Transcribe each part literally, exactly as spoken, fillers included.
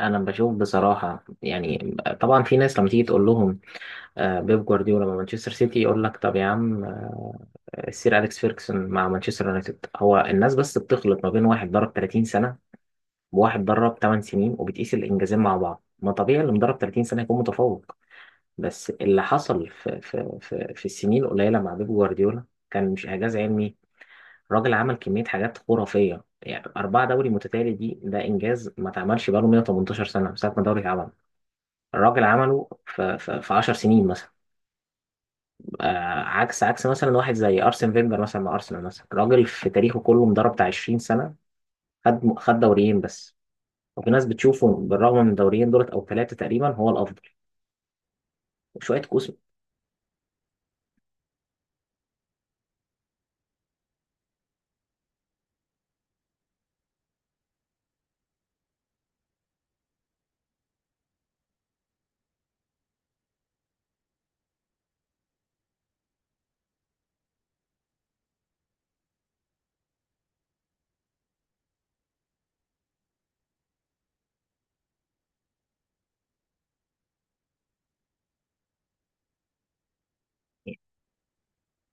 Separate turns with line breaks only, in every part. انا بشوف بصراحه يعني طبعا في ناس لما تيجي تقول لهم آه، بيب جوارديولا مع مانشستر سيتي، يقول لك طب يا عم. آه، السير اليكس فيركسون مع مانشستر يونايتد، هو الناس بس بتخلط ما بين واحد درب ثلاثين سنه وواحد درب تمن سنين وبتقيس الانجازين مع بعض. ما طبيعي اللي مدرب ثلاثين سنه يكون متفوق، بس اللي حصل في في في, في السنين القليله مع بيب جوارديولا كان مش اعجاز علمي. الراجل عمل كميه حاجات خرافيه، يعني أربعة دوري متتالي، دي ده إنجاز ما اتعملش بقاله مية وتمنتاشر سنة من ساعة ما الدوري اتعمل. الراجل عمله في, في, في عشر سنين مثلا. آه عكس عكس مثلا واحد زي ارسن فينجر مثلا مع ارسنال، مثلا راجل في تاريخه كله مدرب بتاع عشرين سنه، خد خد دوريين بس. وفي ناس بتشوفه بالرغم من الدوريين دولت او ثلاثه تقريبا هو الافضل وشويه كوس.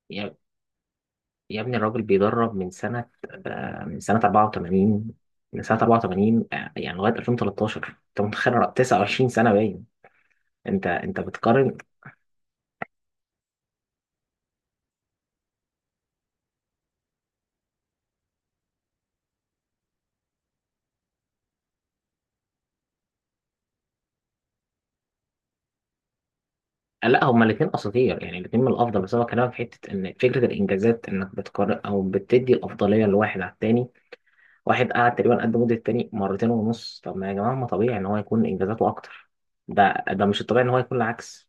يا, يا ابني الراجل بيدرب من سنه، آه من سنه أربعة وتمانين، من سنه أربعة وثمانين، آه يعني لغايه ألفين وتلتاشر. انت متخيل تسعة وعشرين سنه باين؟ انت انت بتقارن. لا، هما الاثنين اساطير، يعني الاثنين من الافضل. بس هو كلامك في حته ان فكره الانجازات انك بتقارن او بتدي الافضليه لواحد على التاني، واحد قعد تقريبا قد مده التاني مرتين ونص. طب ما يا جماعه، ما طبيعي ان هو يكون انجازاته اكتر، ده ده مش الطبيعي ان هو يكون العكس.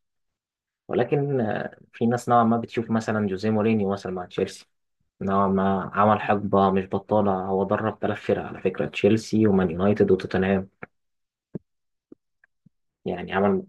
ولكن آه، في ناس نوعا ما بتشوف مثلا جوزيه مورينيو مثلا مع تشيلسي، نوعا ما عمل حقبه مش بطاله. هو درب ثلاث فرق على فكره، تشيلسي ومان يونايتد وتوتنهام، يعني عمل.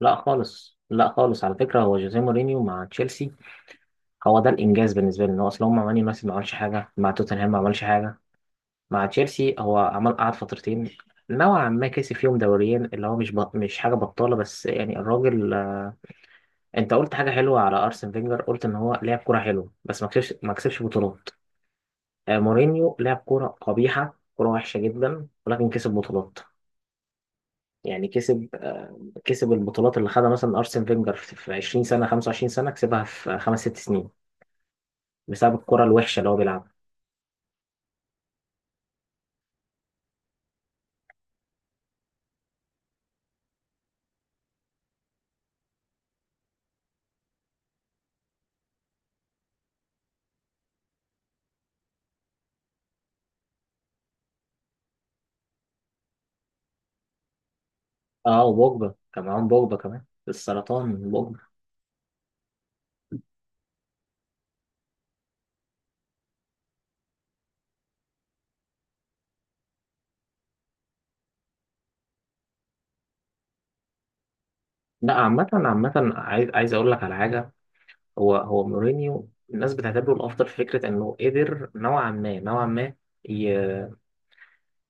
لا خالص لا خالص، على فكره هو جوزيه مورينيو مع تشيلسي هو ده الانجاز بالنسبه لي. ان هو اصل هو مع مان يونايتد ما عملش حاجه، مع توتنهام ما عملش حاجه، مع تشيلسي هو عمل قعد فترتين نوعا ما كسب فيهم دوريين، اللي هو مش بط... مش حاجه بطاله. بس يعني الراجل، آه، انت قلت حاجه حلوه على ارسن فينجر، قلت ان هو لعب كوره حلوه بس ما كسبش ما كسبش بطولات. آه، مورينيو لعب كوره قبيحه كوره وحشه جدا، ولكن كسب بطولات. يعني كسب، آه، كسب البطولات اللي خدها مثلا ارسن فينجر في في عشرين سنه خمسة وعشرين سنه كسبها في خمس ست سنين، بسبب الكوره الوحشه اللي هو بيلعبها. اه، وبوجبا كان معاهم، بوجبا كمان السرطان بوجبا. لا عامة عامة، عايز عايز اقول لك على حاجة. هو هو مورينيو الناس بتعتبره الافضل في فكرة انه قدر نوعا ما نوعا ما ي-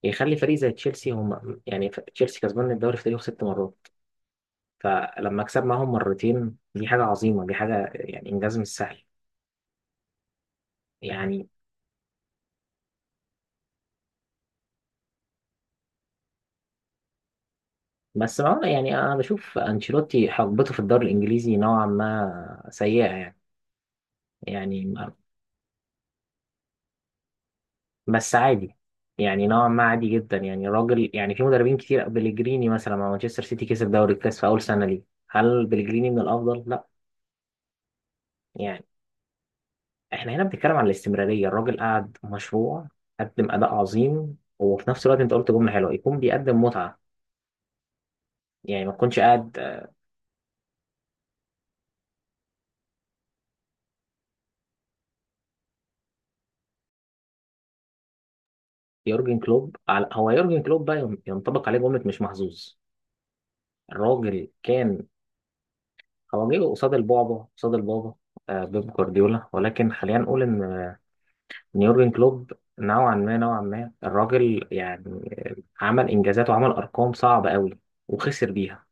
يخلي فريق زي تشيلسي هم. يعني ف- تشيلسي كسبان الدوري في تاريخه ست مرات، فلما كسب معاهم مرتين دي حاجة عظيمة، دي حاجة يعني انجاز مش سهل يعني. بس ما يعني، انا بشوف انشيلوتي حقبته في الدوري الانجليزي نوعا ما سيئة يعني، يعني بس عادي، يعني نوعا ما عادي جدا يعني راجل. يعني في مدربين كتير، بليجريني مثلا مع مانشستر سيتي كسب دوري الكاس في اول سنه ليه، هل بليجريني من الافضل؟ لا. يعني احنا هنا بنتكلم عن الاستمراريه، الراجل قعد مشروع، قدم اداء عظيم، وفي نفس الوقت انت قلت جمله حلوه يكون بيقدم متعه، يعني ما تكونش قاعد. يورجن كلوب، على هو يورجن كلوب بقى ين- ينطبق عليه جمله مش محظوظ. الراجل كان، هو جه قصاد البعبع قصاد البابا، آه، بيب جوارديولا. ولكن خلينا نقول ان يورجن كلوب نوعا ما نوعا ما الراجل، يعني عمل انجازات وعمل ارقام صعبه قوي وخسر بيها.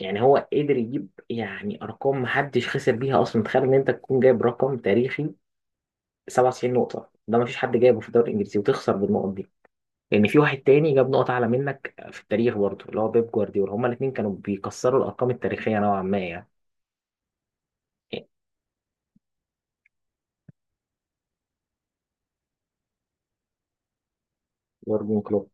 يعني هو قدر يجيب يعني ارقام محدش خسر بيها اصلا. تخيل ان انت تكون جايب رقم تاريخي سبعة وتسعين نقطه، ده مفيش حد جايبه في الدوري الانجليزي، وتخسر بالنقط دي، لان في واحد تاني جاب نقط اعلى منك في التاريخ برضه، اللي هو بيب جوارديولا. هما الاثنين كانوا بيكسروا الارقام التاريخيه نوعا ما يعني. يورجن كلوب،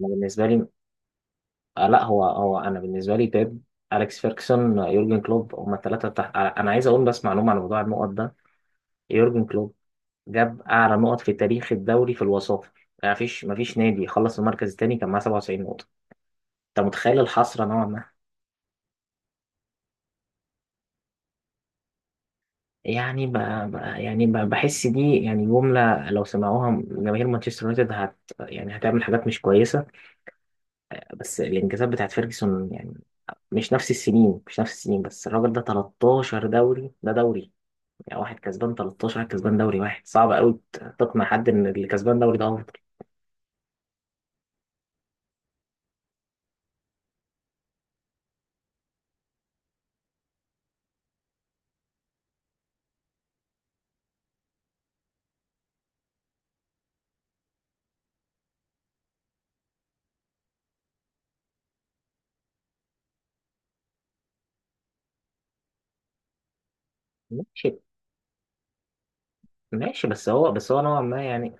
أنا بالنسبه لي، آه لا هو هو انا بالنسبه لي بيب، اليكس فيركسون، آه، يورجن كلوب، هم الثلاثه تحت. آه، انا عايز اقول بس معلومه عن موضوع النقط ده. يورجن كلوب جاب اعلى نقط في تاريخ الدوري في الوصافه. ما فيش ما فيش نادي خلص المركز الثاني كان معاه سبعة وتسعين نقطه. انت متخيل الحسره نوعا ما، يعني ب... ب... يعني ب... بحس دي يعني جمله لو سمعوها جماهير مانشستر يونايتد هت يعني هتعمل حاجات مش كويسه. بس الانجازات بتاعت فيرجسون، يعني مش نفس السنين مش نفس السنين. بس الراجل ده تلتاشر دوري، ده دوري، يعني واحد كسبان تلتاشر واحد كسبان دوري واحد، صعب قوي تقنع حد ان اللي كسبان دوري ده افضل. ماشي، ماشي. بس هو بس هو نوعا ما يعني،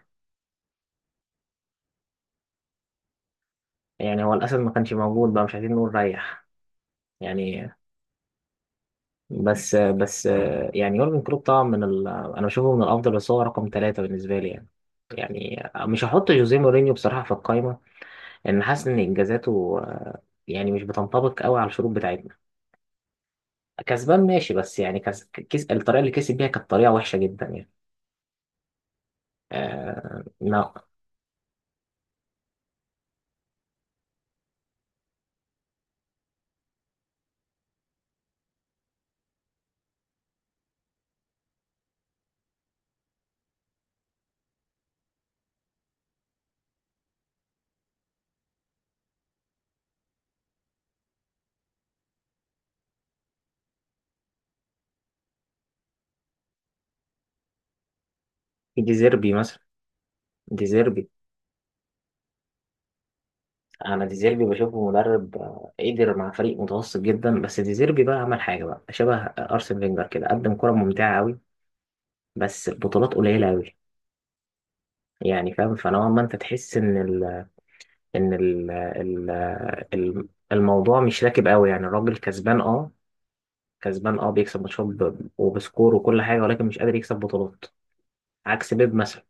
يعني هو الاسد ما كانش موجود بقى، مش عايزين نقول ريح يعني. بس بس يعني، يورجن كلوب طبعا من ال... انا بشوفه من الافضل بس هو رقم ثلاثة بالنسبة لي يعني. يعني مش هحط جوزيه مورينيو بصراحة في القايمة، لأن حاسس إن إنجازاته آه، يعني مش بتنطبق قوي على الشروط بتاعتنا. كسبان ماشي، بس يعني كس... كس... الطريقة اللي كسب بيها كانت طريقة وحشة جدا يعني. آه... ما في ديزيربي مثلا. ديزيربي، انا ديزيربي بشوفه مدرب، آه، قدر مع فريق متوسط جدا. بس ديزيربي بقى عمل حاجه بقى شبه ارسن فينجر كده، قدم كره ممتعه قوي بس بطولات قليله قوي، يعني فاهم؟ فنوعا ما انت تحس ان ال ان ال ال ال- الموضوع مش راكب قوي. يعني الراجل كسبان، اه كسبان، اه بيكسب ماتشات ب- وبسكور وكل حاجه، ولكن مش قادر يكسب بطولات عكس بيب مثلا.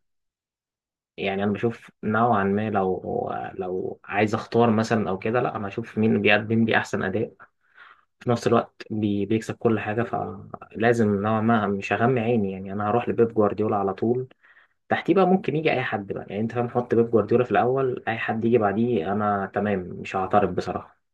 يعني انا بشوف نوعا ما، لو لو عايز اختار مثلا او كده، لا انا اشوف مين بيقدم لي احسن اداء في نفس الوقت بي بيكسب كل حاجه. فلازم نوعا ما مش هغمي عيني يعني، انا هروح لبيب جوارديولا على طول. تحتيه بقى ممكن يجي اي حد بقى، يعني انت فاهم، حط بيب جوارديولا في الاول، اي حد يجي بعديه انا تمام مش هعترض بصراحه.